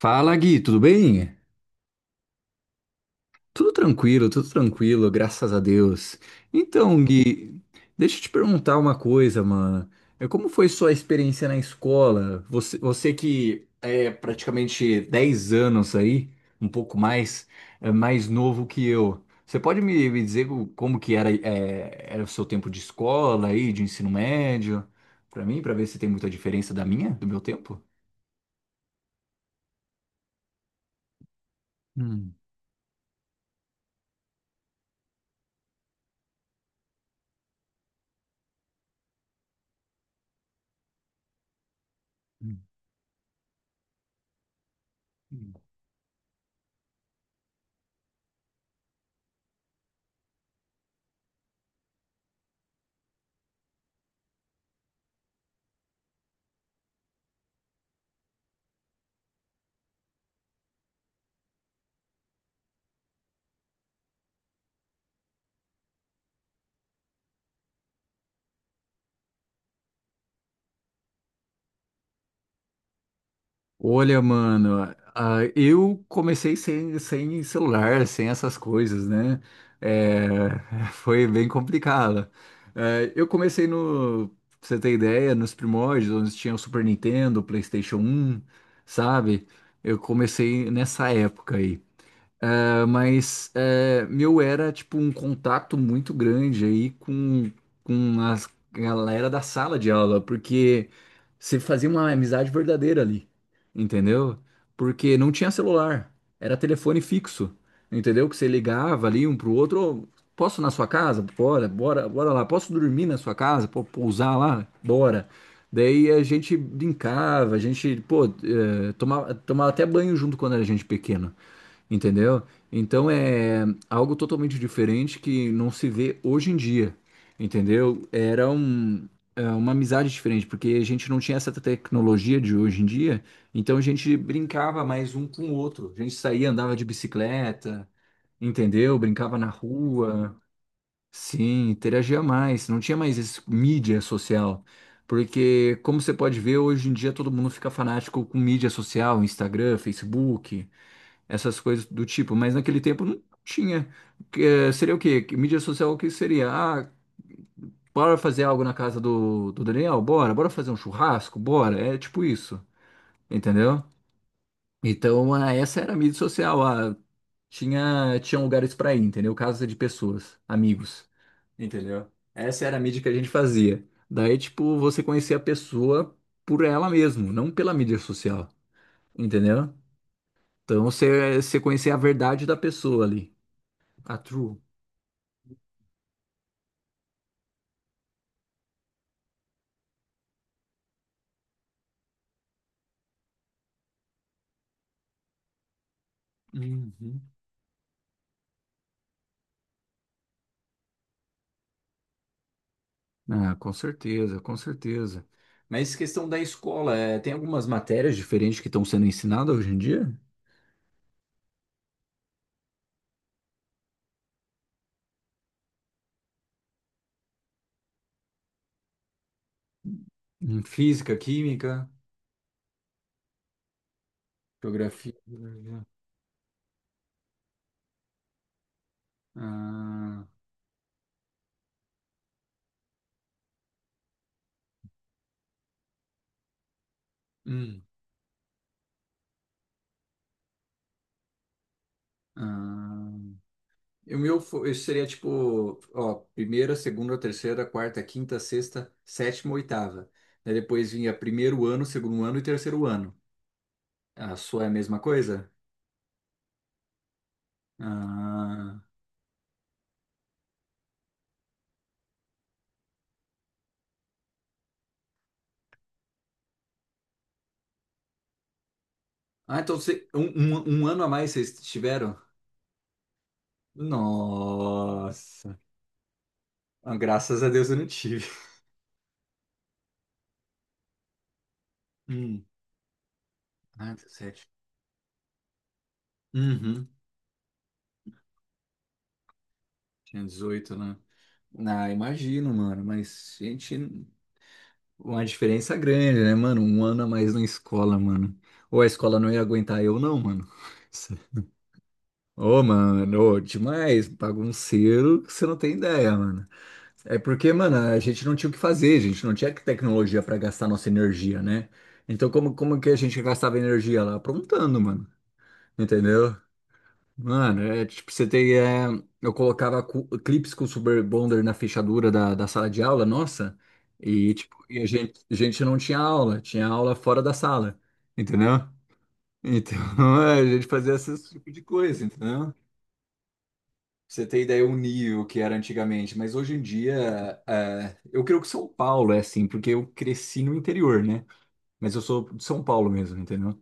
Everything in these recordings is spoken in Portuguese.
Fala, Gui, tudo bem? Tudo tranquilo, graças a Deus. Então, Gui, deixa eu te perguntar uma coisa, mano. Como foi sua experiência na escola? Você que é praticamente 10 anos aí, um pouco mais, é mais novo que eu. Você pode me dizer como que era, era o seu tempo de escola aí, de ensino médio, pra mim, pra ver se tem muita diferença da minha, do meu tempo? Hum. Hum. Olha, mano, eu comecei sem celular, sem essas coisas, né? Foi bem complicado. Eu comecei no, pra você ter ideia, nos primórdios, onde tinha o Super Nintendo, o PlayStation um, sabe? Eu comecei nessa época aí. Ah, mas meu, era tipo um contato muito grande aí com a galera da sala de aula, porque você fazia uma amizade verdadeira ali, entendeu? Porque não tinha celular, era telefone fixo, entendeu? Que você ligava ali um pro outro, "Ô, posso ir na sua casa? Bora, bora, bora lá, posso dormir na sua casa? Pô, pousar lá? Bora." Daí a gente brincava, a gente, pô, tomava até banho junto quando era gente pequena. Entendeu? Então é algo totalmente diferente que não se vê hoje em dia, entendeu? Era uma amizade diferente, porque a gente não tinha essa tecnologia de hoje em dia, então a gente brincava mais um com o outro. A gente saía, andava de bicicleta, entendeu? Brincava na rua, sim, interagia mais. Não tinha mais esse mídia social, porque como você pode ver, hoje em dia todo mundo fica fanático com mídia social, Instagram, Facebook, essas coisas do tipo, mas naquele tempo não tinha. Que, seria o quê? Que mídia social, o que seria? Ah, bora fazer algo na casa do Daniel? Bora, bora fazer um churrasco? Bora, é tipo isso, entendeu? Então, essa era a mídia social, tinha lugares pra ir, entendeu? Casa de pessoas, amigos, entendeu? Essa era a mídia que a gente fazia. Daí, tipo, você conhecia a pessoa por ela mesmo, não pela mídia social, entendeu? Então, você conhecia a verdade da pessoa ali. A True. Uhum. Ah, com certeza, com certeza. Mas questão da escola, tem algumas matérias diferentes que estão sendo ensinadas hoje em dia? Em física, química, geografia, biologia. Ah. Hum. Ah. E o meu isso seria tipo, ó, primeira, segunda, terceira, quarta, quinta, sexta, sétima, oitava. Daí depois vinha primeiro ano, segundo ano e terceiro ano. A sua é a mesma coisa? Ah, então, um ano a mais vocês tiveram? Nossa. Ah, graças a Deus eu não tive. Hum. Ah, 17. Uhum. Tinha 18, né? Ah, imagino, mano. Mas, gente, uma diferença grande, né, mano? Um ano a mais na escola, mano. Ou a escola não ia aguentar eu, não, mano. Ô, mano, ô, demais. Bagunceiro, que você não tem ideia, mano. É porque, mano, a gente não tinha o que fazer, a gente não tinha tecnologia pra gastar nossa energia, né? Então, como que a gente gastava energia lá? Aprontando, mano. Entendeu? Mano, é tipo, você tem. Eu colocava clipes com Super Bonder na fechadura da sala de aula, nossa, e tipo, e a gente não tinha aula, tinha aula fora da sala, entendeu? Então a gente fazia esse tipo de coisa, entendeu? Pra Você tem ideia o nível que era antigamente, mas hoje em dia, eu creio que São Paulo é assim, porque eu cresci no interior, né? Mas eu sou de São Paulo mesmo, entendeu?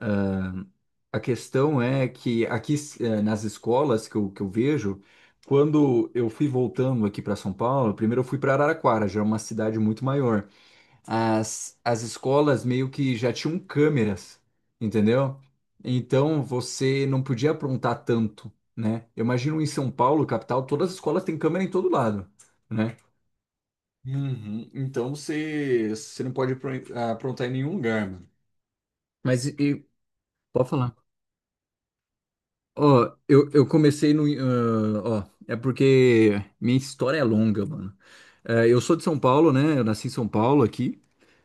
Ah, a questão é que aqui nas escolas que eu vejo, quando eu fui voltando aqui para São Paulo, primeiro eu fui para Araraquara, já é uma cidade muito maior. As escolas meio que já tinham câmeras, entendeu? Então você não podia aprontar tanto, né? Eu imagino em São Paulo, capital, todas as escolas têm câmera em todo lado, né? Uhum. Então você não pode aprontar em nenhum lugar, mano. Mas pode falar. Ó, eu comecei no. É porque minha história é longa, mano. Eu sou de São Paulo, né? Eu nasci em São Paulo aqui.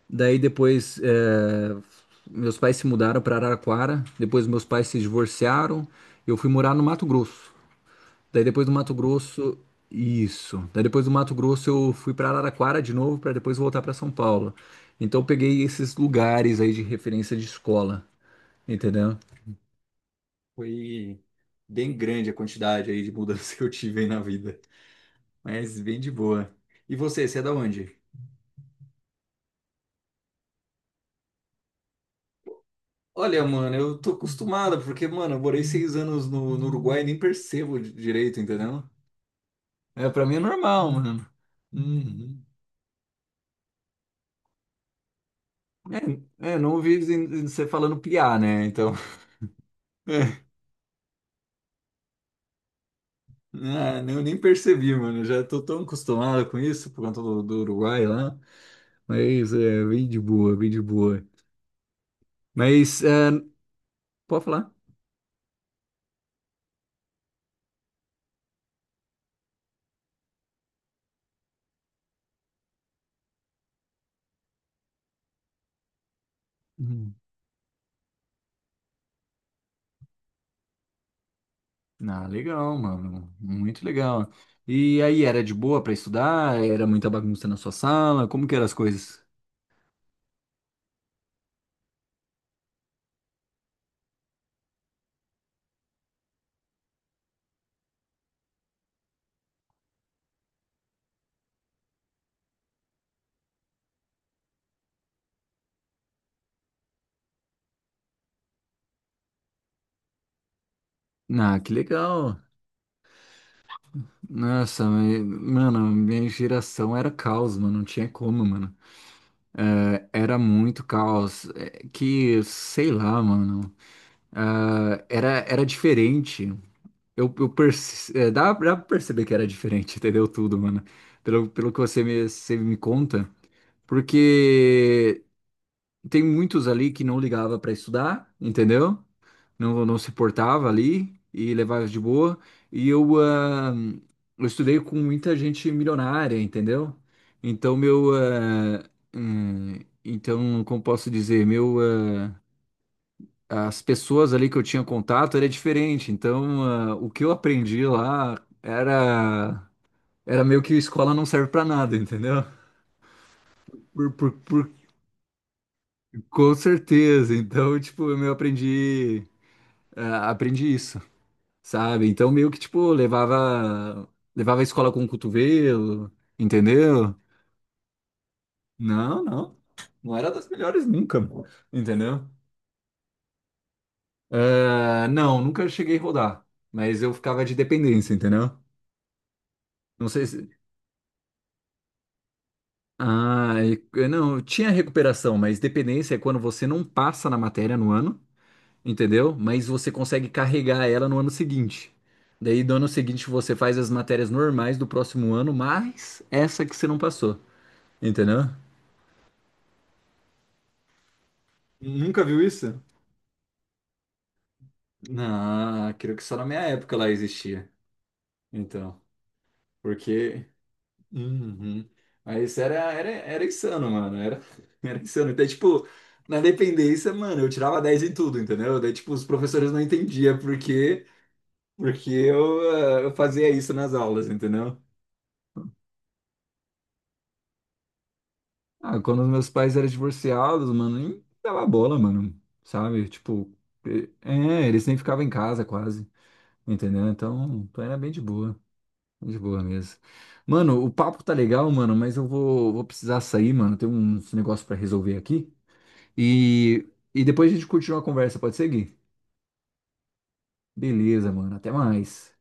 Daí depois meus pais se mudaram para Araraquara. Depois meus pais se divorciaram. Eu fui morar no Mato Grosso. Daí depois do Mato Grosso. Isso. Daí depois do Mato Grosso eu fui para Araraquara de novo para depois voltar para São Paulo. Então eu peguei esses lugares aí de referência de escola, entendeu? Foi bem grande a quantidade aí de mudanças que eu tive aí na vida. Mas bem de boa. E você é da onde? Olha, mano, eu tô acostumado, porque, mano, eu morei 6 anos no Uruguai e nem percebo direito, entendeu? É, pra mim é normal, mano. Uhum. Não ouvi você falando piá, né? Então, é, eu nem percebi, mano. Já tô tão acostumado com isso por conta do Uruguai lá. Mas é bem de boa, bem de boa. Mas, pode falar? Ah, legal, mano. Muito legal. E aí, era de boa pra estudar? Era muita bagunça na sua sala? Como que eram as coisas? Ah, que legal. Nossa, mano, minha geração era caos, mano. Não tinha como, mano. Era muito caos. É que, sei lá, mano. Ah, era diferente. Eu dá pra perceber que era diferente, entendeu? Tudo, mano. Pelo que você me conta. Porque tem muitos ali que não ligava para estudar, entendeu? Não, não se portava ali e levava de boa. E eu estudei com muita gente milionária, entendeu? Então, meu. Hum, então, como posso dizer? Meu, as pessoas ali que eu tinha contato era diferente. Então, o que eu aprendi lá era. Era meio que escola não serve para nada, entendeu? Por, por, por, com certeza. Então, tipo, eu aprendi. Aprendi isso, sabe? Então meio que tipo levava a escola com o cotovelo, entendeu? Não, não. Não era das melhores nunca, entendeu? Ah, não, nunca cheguei a rodar, mas eu ficava de dependência, entendeu? Não sei se. Não, tinha recuperação, mas dependência é quando você não passa na matéria no ano. Entendeu? Mas você consegue carregar ela no ano seguinte. Daí, do ano seguinte, você faz as matérias normais do próximo ano, mas essa que você não passou, entendeu? Nunca viu isso? Não, creio que só na minha época lá existia. Então, porque. Uhum. Mas era insano, mano. Era, era insano. Então, tipo, na dependência, mano, eu tirava 10 em tudo, entendeu? Daí, tipo, os professores não entendiam por quê, porque eu fazia isso nas aulas, entendeu? Ah, quando os meus pais eram divorciados, mano, nem dava bola, mano, sabe? Tipo, eles nem ficavam em casa quase, entendeu? Então era bem de boa mesmo. Mano, o papo tá legal, mano, mas eu vou, precisar sair, mano, tem uns negócios pra resolver aqui. E, e depois a gente continua a conversa, pode seguir? Beleza, mano, até mais.